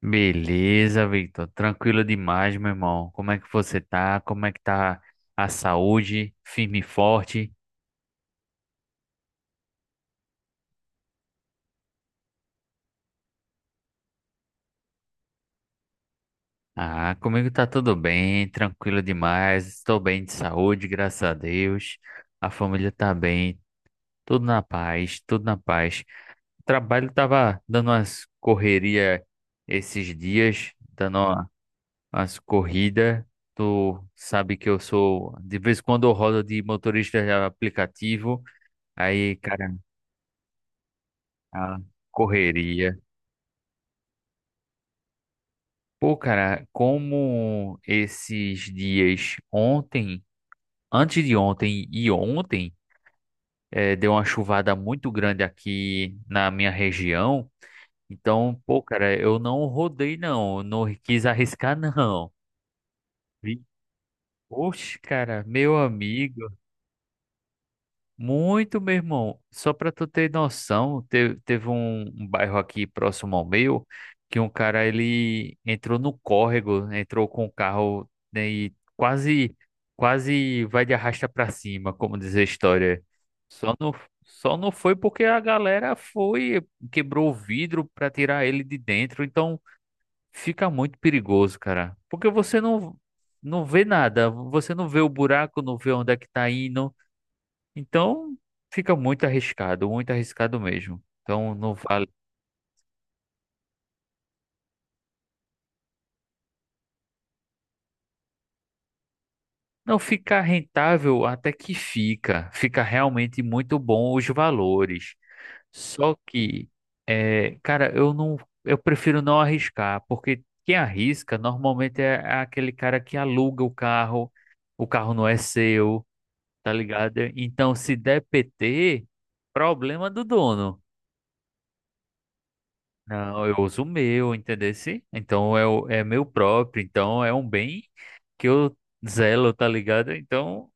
Beleza, Victor. Tranquilo demais, meu irmão. Como é que você tá? Como é que tá a saúde? Firme e forte? Ah, comigo tá tudo bem, tranquilo demais. Estou bem de saúde, graças a Deus. A família tá bem, tudo na paz, tudo na paz. O trabalho tava dando umas correria esses dias, umas corridas. Tu sabe que eu sou, de vez em quando eu rodo de motorista de aplicativo. Aí, a correria. Pô, cara, como esses dias ontem, antes de ontem e ontem, deu uma chuvada muito grande aqui na minha região. Então, pô, cara, eu não rodei, não. eu Não quis arriscar, não. Vi- Oxe, cara, meu amigo. Muito, meu irmão. Só pra tu ter noção, teve um bairro aqui próximo ao meu que um cara ele entrou no córrego, entrou com o carro, né? E quase vai de arrasta pra cima, como diz a história. Só não, só não foi porque a galera foi, quebrou o vidro pra tirar ele de dentro, então fica muito perigoso, cara. Porque você não não vê nada, você não vê o buraco, não vê onde é que tá indo. Então, fica muito arriscado mesmo. Então, não vale. Não fica rentável, até que fica. Fica realmente muito bom os valores. Só que, cara, eu prefiro não arriscar, porque quem arrisca normalmente é aquele cara que aluga o carro não é seu, tá ligado? Então, se der PT, problema do dono. Não, eu uso o meu, entendesse? Então é meu próprio, então é um bem que eu zelo, tá ligado? Então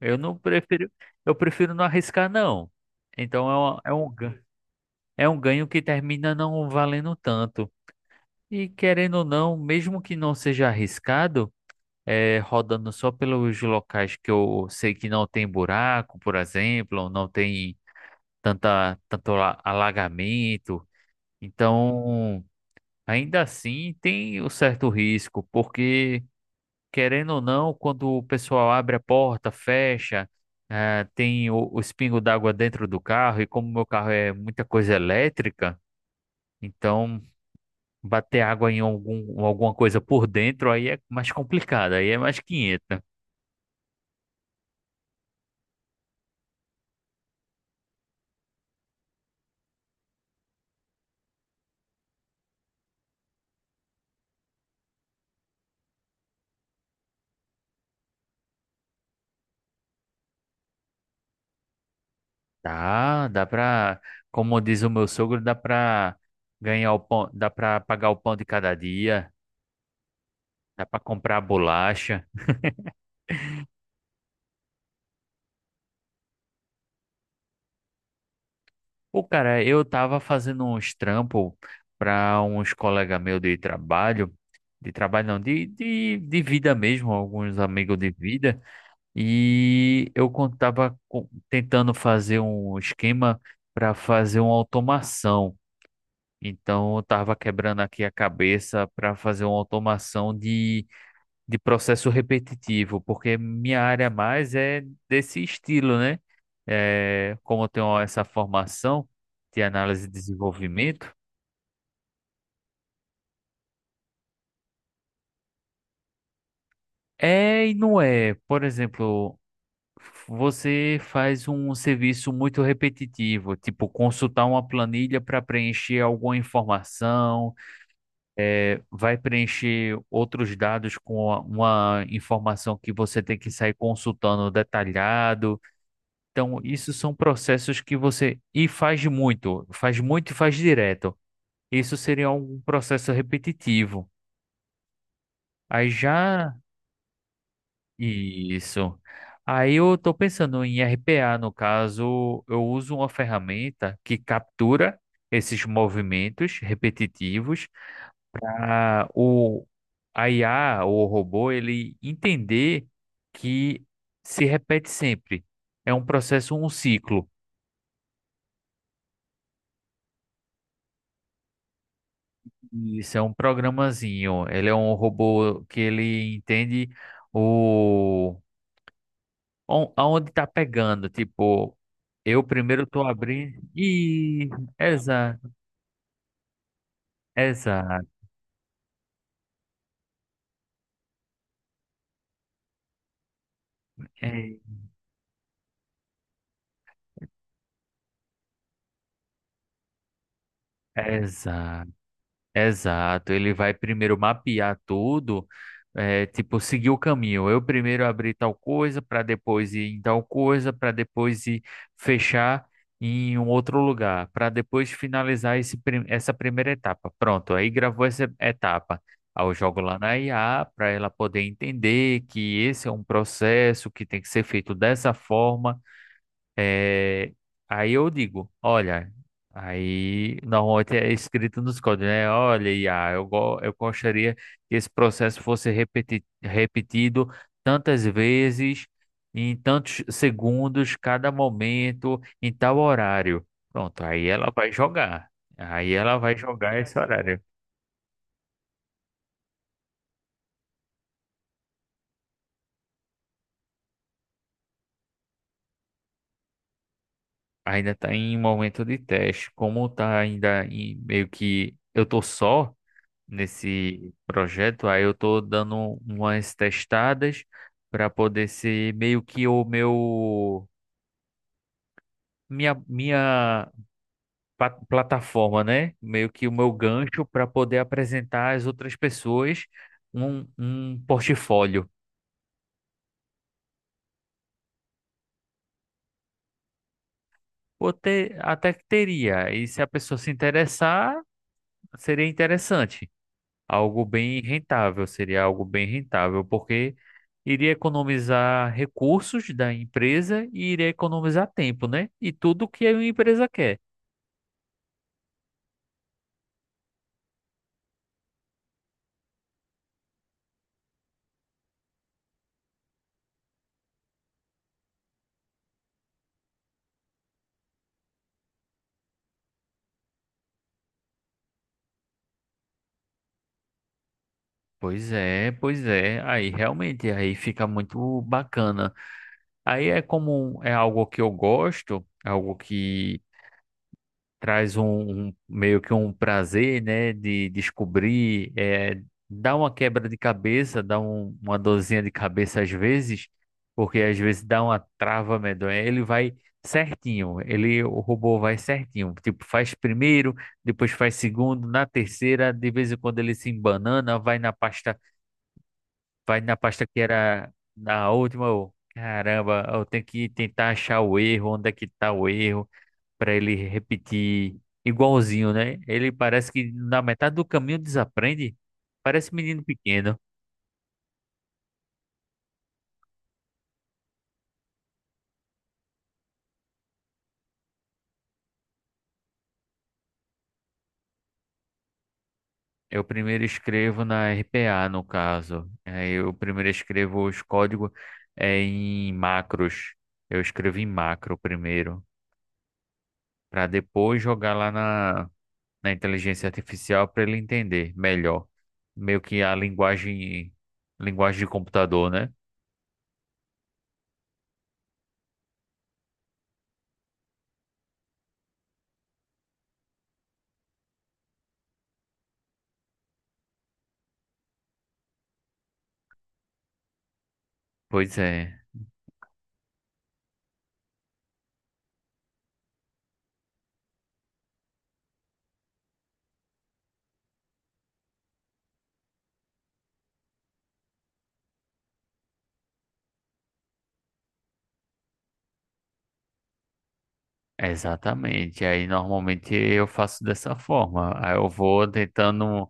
eu não prefiro, eu prefiro não arriscar, não. Então é um ganho que termina não valendo tanto. E querendo ou não, mesmo que não seja arriscado, é, rodando só pelos locais que eu sei que não tem buraco, por exemplo, ou não tem tanto alagamento. Então, ainda assim, tem o certo risco, porque, querendo ou não, quando o pessoal abre a porta, fecha, eh, tem o espingo d'água dentro do carro, e como meu carro é muita coisa elétrica, então bater água em alguma coisa por dentro aí é mais complicado, aí é mais 500. Dá pra, como diz o meu sogro, dá pra ganhar o pão, dá pra pagar o pão de cada dia, dá pra comprar a bolacha. Pô, cara, eu tava fazendo uns trampos para uns colegas meus de trabalho não, de vida mesmo, alguns amigos de vida, e eu tentando fazer um esquema para fazer uma automação. Então, eu tava quebrando aqui a cabeça para fazer uma automação de processo repetitivo, porque minha área mais é desse estilo, né? É, como eu tenho essa formação de análise e desenvolvimento, é e não é. Por exemplo, você faz um serviço muito repetitivo, tipo consultar uma planilha para preencher alguma informação, é, vai preencher outros dados com uma informação que você tem que sair consultando detalhado. Então, isso são processos que você faz muito e faz direto. Isso seria um processo repetitivo. Aí já isso. Aí eu estou pensando em RPA, no caso, eu uso uma ferramenta que captura esses movimentos repetitivos. Ah, o A IA, o robô, ele entender que se repete sempre. É um processo, um ciclo. Isso é um programazinho. Ele é um robô que ele entende o aonde tá pegando. Tipo, eu primeiro tô abrindo. E exato, exato, é, exato. Exato, ele vai primeiro mapear tudo, é, tipo, seguir o caminho. Eu primeiro abri tal coisa, para depois ir em tal coisa, para depois ir fechar em um outro lugar, para depois finalizar essa primeira etapa. Pronto, aí gravou essa etapa. Aí eu jogo lá na IA para ela poder entender que esse é um processo que tem que ser feito dessa forma, é, aí eu digo, olha, aí normalmente é escrito nos códigos, né? Olha, Iá, eu gostaria que esse processo repetido tantas vezes, em tantos segundos, cada momento, em tal horário. Pronto, aí ela vai jogar. Aí ela vai jogar esse horário. Ainda está em momento de teste. Como está ainda em meio que eu tô só nesse projeto. Aí eu tô dando umas testadas para poder ser meio que o meu minha plataforma, né? Meio que o meu gancho para poder apresentar às outras pessoas um, um portfólio. Ou ter, até que teria. E se a pessoa se interessar, seria interessante. Algo bem rentável, seria algo bem rentável, porque iria economizar recursos da empresa e iria economizar tempo, né? E tudo que a empresa quer. Pois é, pois é. Aí realmente aí fica muito bacana. Aí é como é algo que eu gosto, é algo, traz meio que um prazer, né, de descobrir, é, dá uma quebra de cabeça, dá uma dorzinha de cabeça às vezes, porque às vezes dá uma trava medonha. Ele vai certinho, ele, o robô vai certinho, tipo, faz primeiro, depois faz segundo, na terceira, de vez em quando ele se embanana, vai na pasta que era na última, eu, caramba, eu tenho que tentar achar o erro, onde é que tá o erro para ele repetir igualzinho, né? Ele parece que na metade do caminho desaprende. Parece menino pequeno. Eu primeiro escrevo na RPA, no caso. Aí eu primeiro escrevo os códigos, é, em macros. Eu escrevo em macro primeiro, para depois jogar lá na inteligência artificial para ele entender melhor. Meio que a linguagem, linguagem de computador, né? Pois é. Exatamente. Aí normalmente eu faço dessa forma. Aí eu vou tentando,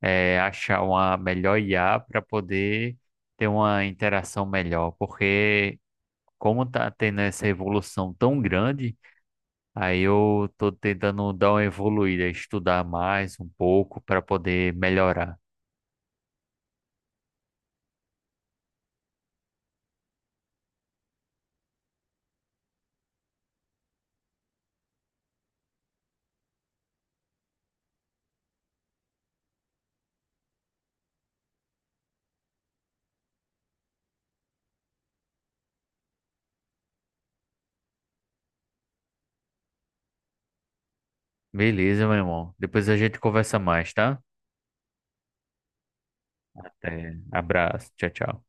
achar uma melhor IA para poder ter uma interação melhor, porque como tá tendo essa evolução tão grande, aí eu tô tentando dar uma evoluída, estudar mais um pouco para poder melhorar. Beleza, meu irmão. Depois a gente conversa mais, tá? Até. Abraço. Tchau, tchau.